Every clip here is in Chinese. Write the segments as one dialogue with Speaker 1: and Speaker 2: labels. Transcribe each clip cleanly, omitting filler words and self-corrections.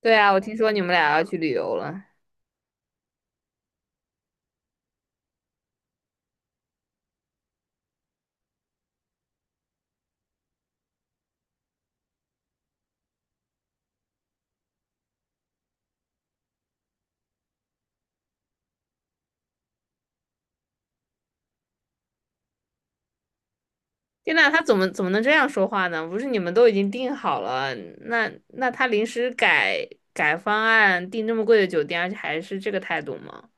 Speaker 1: 对啊，我听说你们俩要去旅游了。天呐，他怎么能这样说话呢？不是你们都已经订好了，那他临时改方案，订这么贵的酒店，而且还是这个态度吗？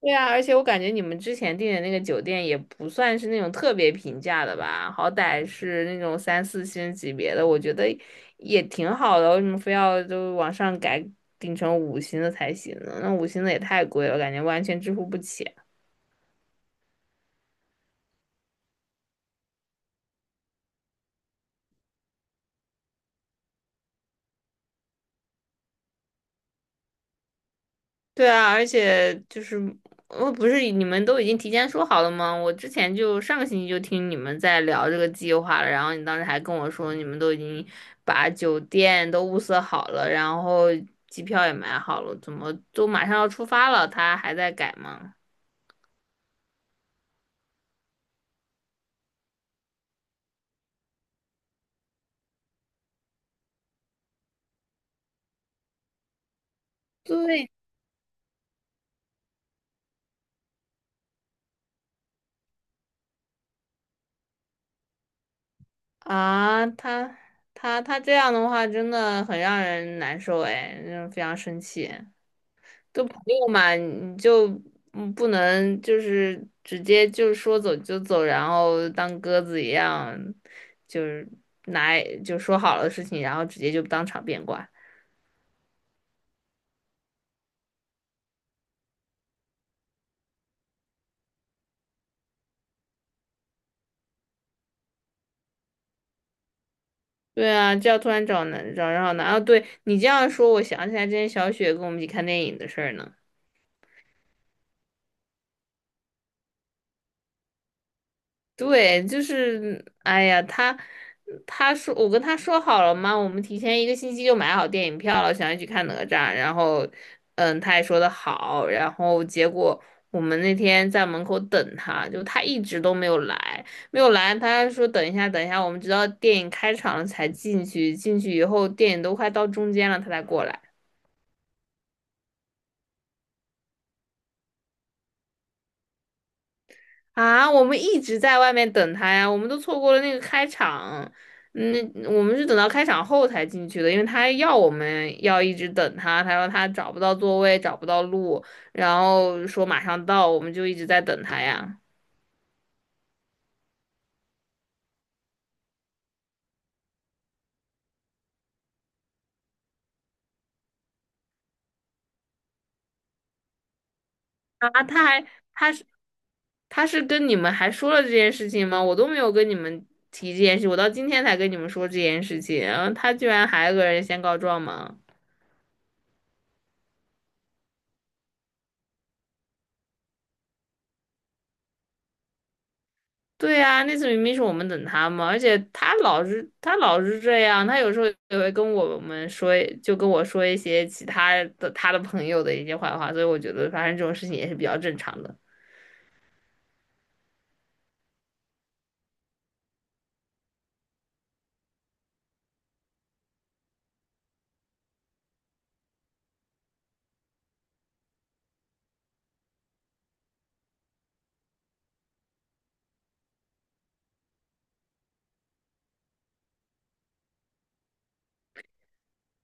Speaker 1: 对啊，而且我感觉你们之前订的那个酒店也不算是那种特别平价的吧，好歹是那种三四星级别的，我觉得也挺好的，为什么非要就往上改，订成五星的才行呢？那五星的也太贵了，感觉完全支付不起。对啊，而且就是我不是你们都已经提前说好了吗？我之前就上个星期就听你们在聊这个计划了，然后你当时还跟我说你们都已经把酒店都物色好了，然后机票也买好了，怎么都马上要出发了，他还在改吗？对啊，他这样的话真的很让人难受哎，让人非常生气。跟朋友嘛，你就不能就是直接就说走就走，然后当鸽子一样，就是拿就说好了的事情，然后直接就当场变卦。对啊，这要突然找人好难啊！对你这样说，我想起来之前小雪跟我们一起看电影的事儿呢。对，就是，哎呀，他说我跟他说好了嘛，我们提前一个星期就买好电影票了，想要去看哪吒，然后，他也说的好，然后结果我们那天在门口等他，就他一直都没有来，没有来，他说等一下，等一下，我们直到电影开场了才进去，进去以后电影都快到中间了，他才过来。啊，我们一直在外面等他呀，我们都错过了那个开场。嗯，我们是等到开场后才进去的，因为他要我们要一直等他，他说他找不到座位，找不到路，然后说马上到，我们就一直在等他呀。啊，他是跟你们还说了这件事情吗？我都没有跟你们提这件事，我到今天才跟你们说这件事情，然后他居然还有个人先告状吗？对呀、那次明明是我们等他嘛，而且他老是这样，他有时候也会跟我们说，就跟我说一些其他的他的朋友的一些坏话，所以我觉得发生这种事情也是比较正常的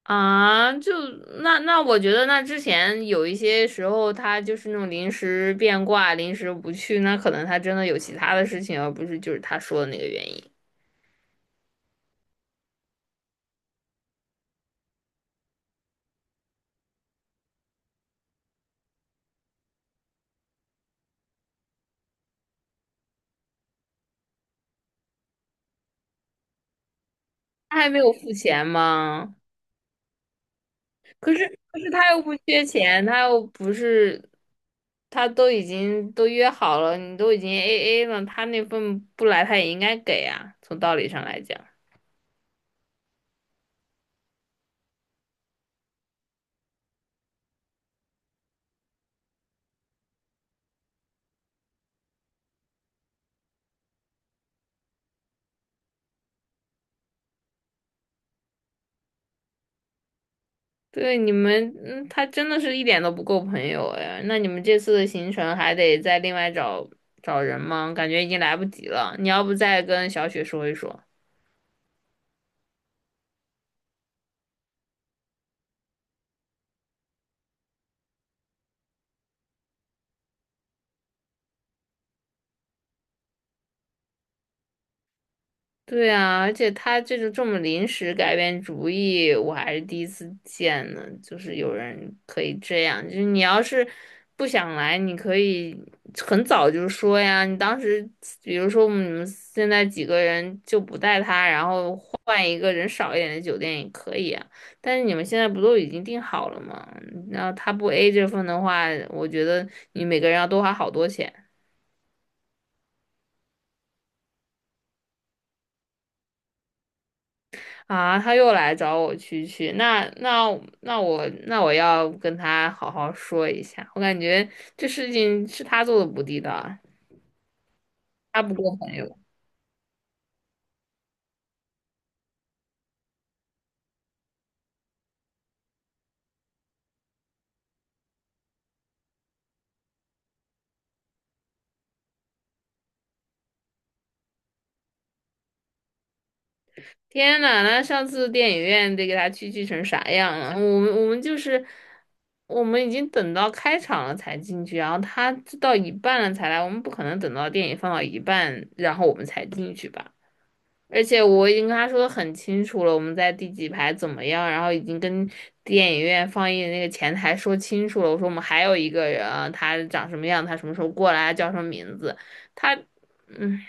Speaker 1: 啊。就那我觉得那之前有一些时候他就是那种临时变卦，临时不去，那可能他真的有其他的事情，而不是就是他说的那个原因。他还没有付钱吗？可是可是他又不缺钱，他又不是，他都已经都约好了，你都已经 AA 了，他那份不来他也应该给啊，从道理上来讲。对你们，他真的是一点都不够朋友哎。那你们这次的行程还得再另外找人吗？感觉已经来不及了。你要不再跟小雪说一说？对啊，而且他这种这么临时改变主意，我还是第一次见呢。就是有人可以这样，就是你要是不想来，你可以很早就说呀。你当时，比如说我们现在几个人就不带他，然后换一个人少一点的酒店也可以啊。但是你们现在不都已经订好了吗？然后他不 A 这份的话，我觉得你每个人要多花好多钱。啊，他又来找我蛐蛐，那我要跟他好好说一下，我感觉这事情是他做的不地道啊，他不够朋友。天呐，那上次电影院得给他蛐蛐成啥样啊？我们已经等到开场了才进去，然后他到一半了才来，我们不可能等到电影放到一半，然后我们才进去吧。而且我已经跟他说的很清楚了，我们在第几排怎么样，然后已经跟电影院放映的那个前台说清楚了。我说我们还有一个人啊他长什么样，他什么时候过来，叫什么名字。他，嗯，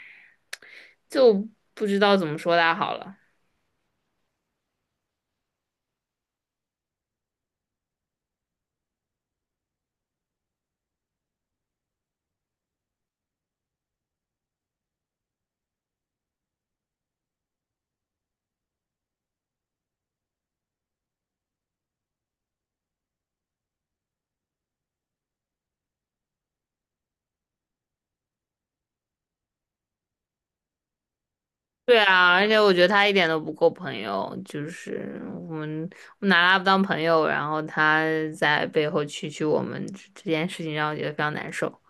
Speaker 1: 就不知道怎么说他好了。对啊，而且我觉得他一点都不够朋友，就是我们我拿他不当朋友，然后他在背后蛐蛐我们这件事情让我觉得非常难受。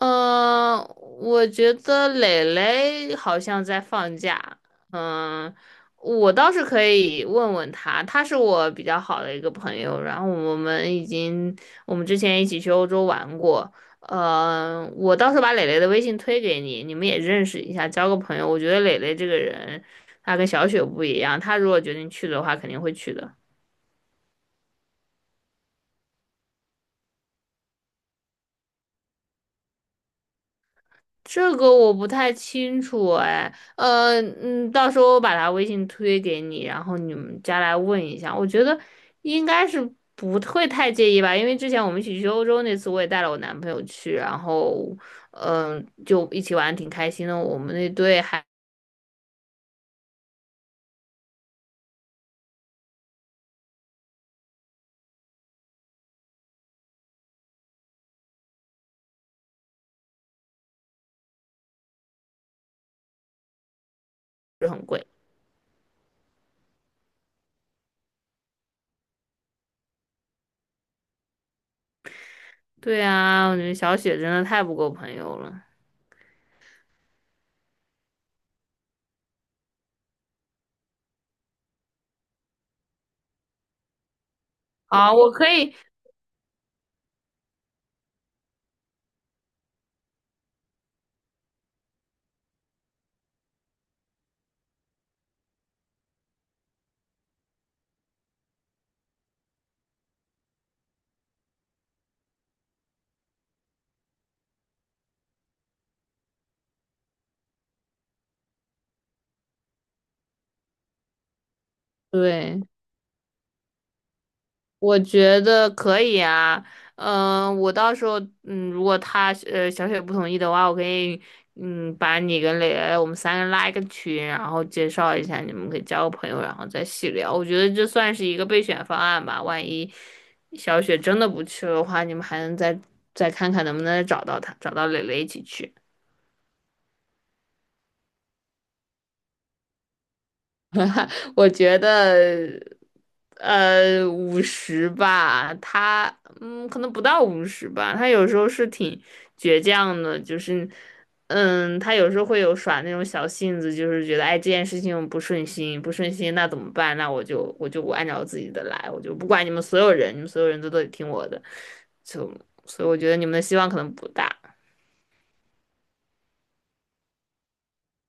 Speaker 1: 嗯，我觉得蕾蕾好像在放假。嗯，我倒是可以问问他，他是我比较好的一个朋友，然后我们之前一起去欧洲玩过。我到时候把蕾蕾的微信推给你，你们也认识一下，交个朋友。我觉得蕾蕾这个人，她跟小雪不一样，她如果决定去的话，肯定会去的。这个我不太清楚哎，到时候我把他微信推给你，然后你们加来问一下。我觉得应该是不会太介意吧，因为之前我们一起去欧洲那次，我也带了我男朋友去，然后就一起玩得挺开心的。我们那队还不是很贵。对啊，我觉得小雪真的太不够朋友了。啊！我可以，对。我觉得可以啊，我到时候，如果小雪不同意的话，我可以，把你跟磊磊我们三个拉一个群，然后介绍一下，你们可以交个朋友，然后再细聊。我觉得这算是一个备选方案吧，万一小雪真的不去的话，你们还能再看看能不能再找到他，找到磊磊一起去。我觉得。五十吧，可能不到五十吧。他有时候是挺倔强的，就是他有时候会有耍那种小性子，就是觉得哎这件事情不顺心，不顺心那怎么办？那我按照自己的来，我就不管你们所有人，你们所有人都得听我的，就所以我觉得你们的希望可能不大。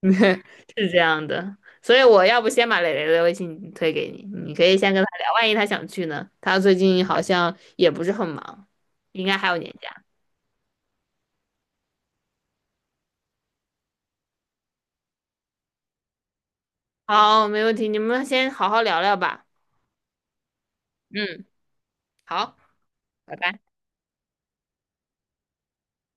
Speaker 1: 是这样的，所以我要不先把蕾蕾的微信推给你，你可以先跟他聊，万一他想去呢？他最近好像也不是很忙，应该还有年假。好，没问题，你们先好好聊聊吧。嗯，好，拜拜。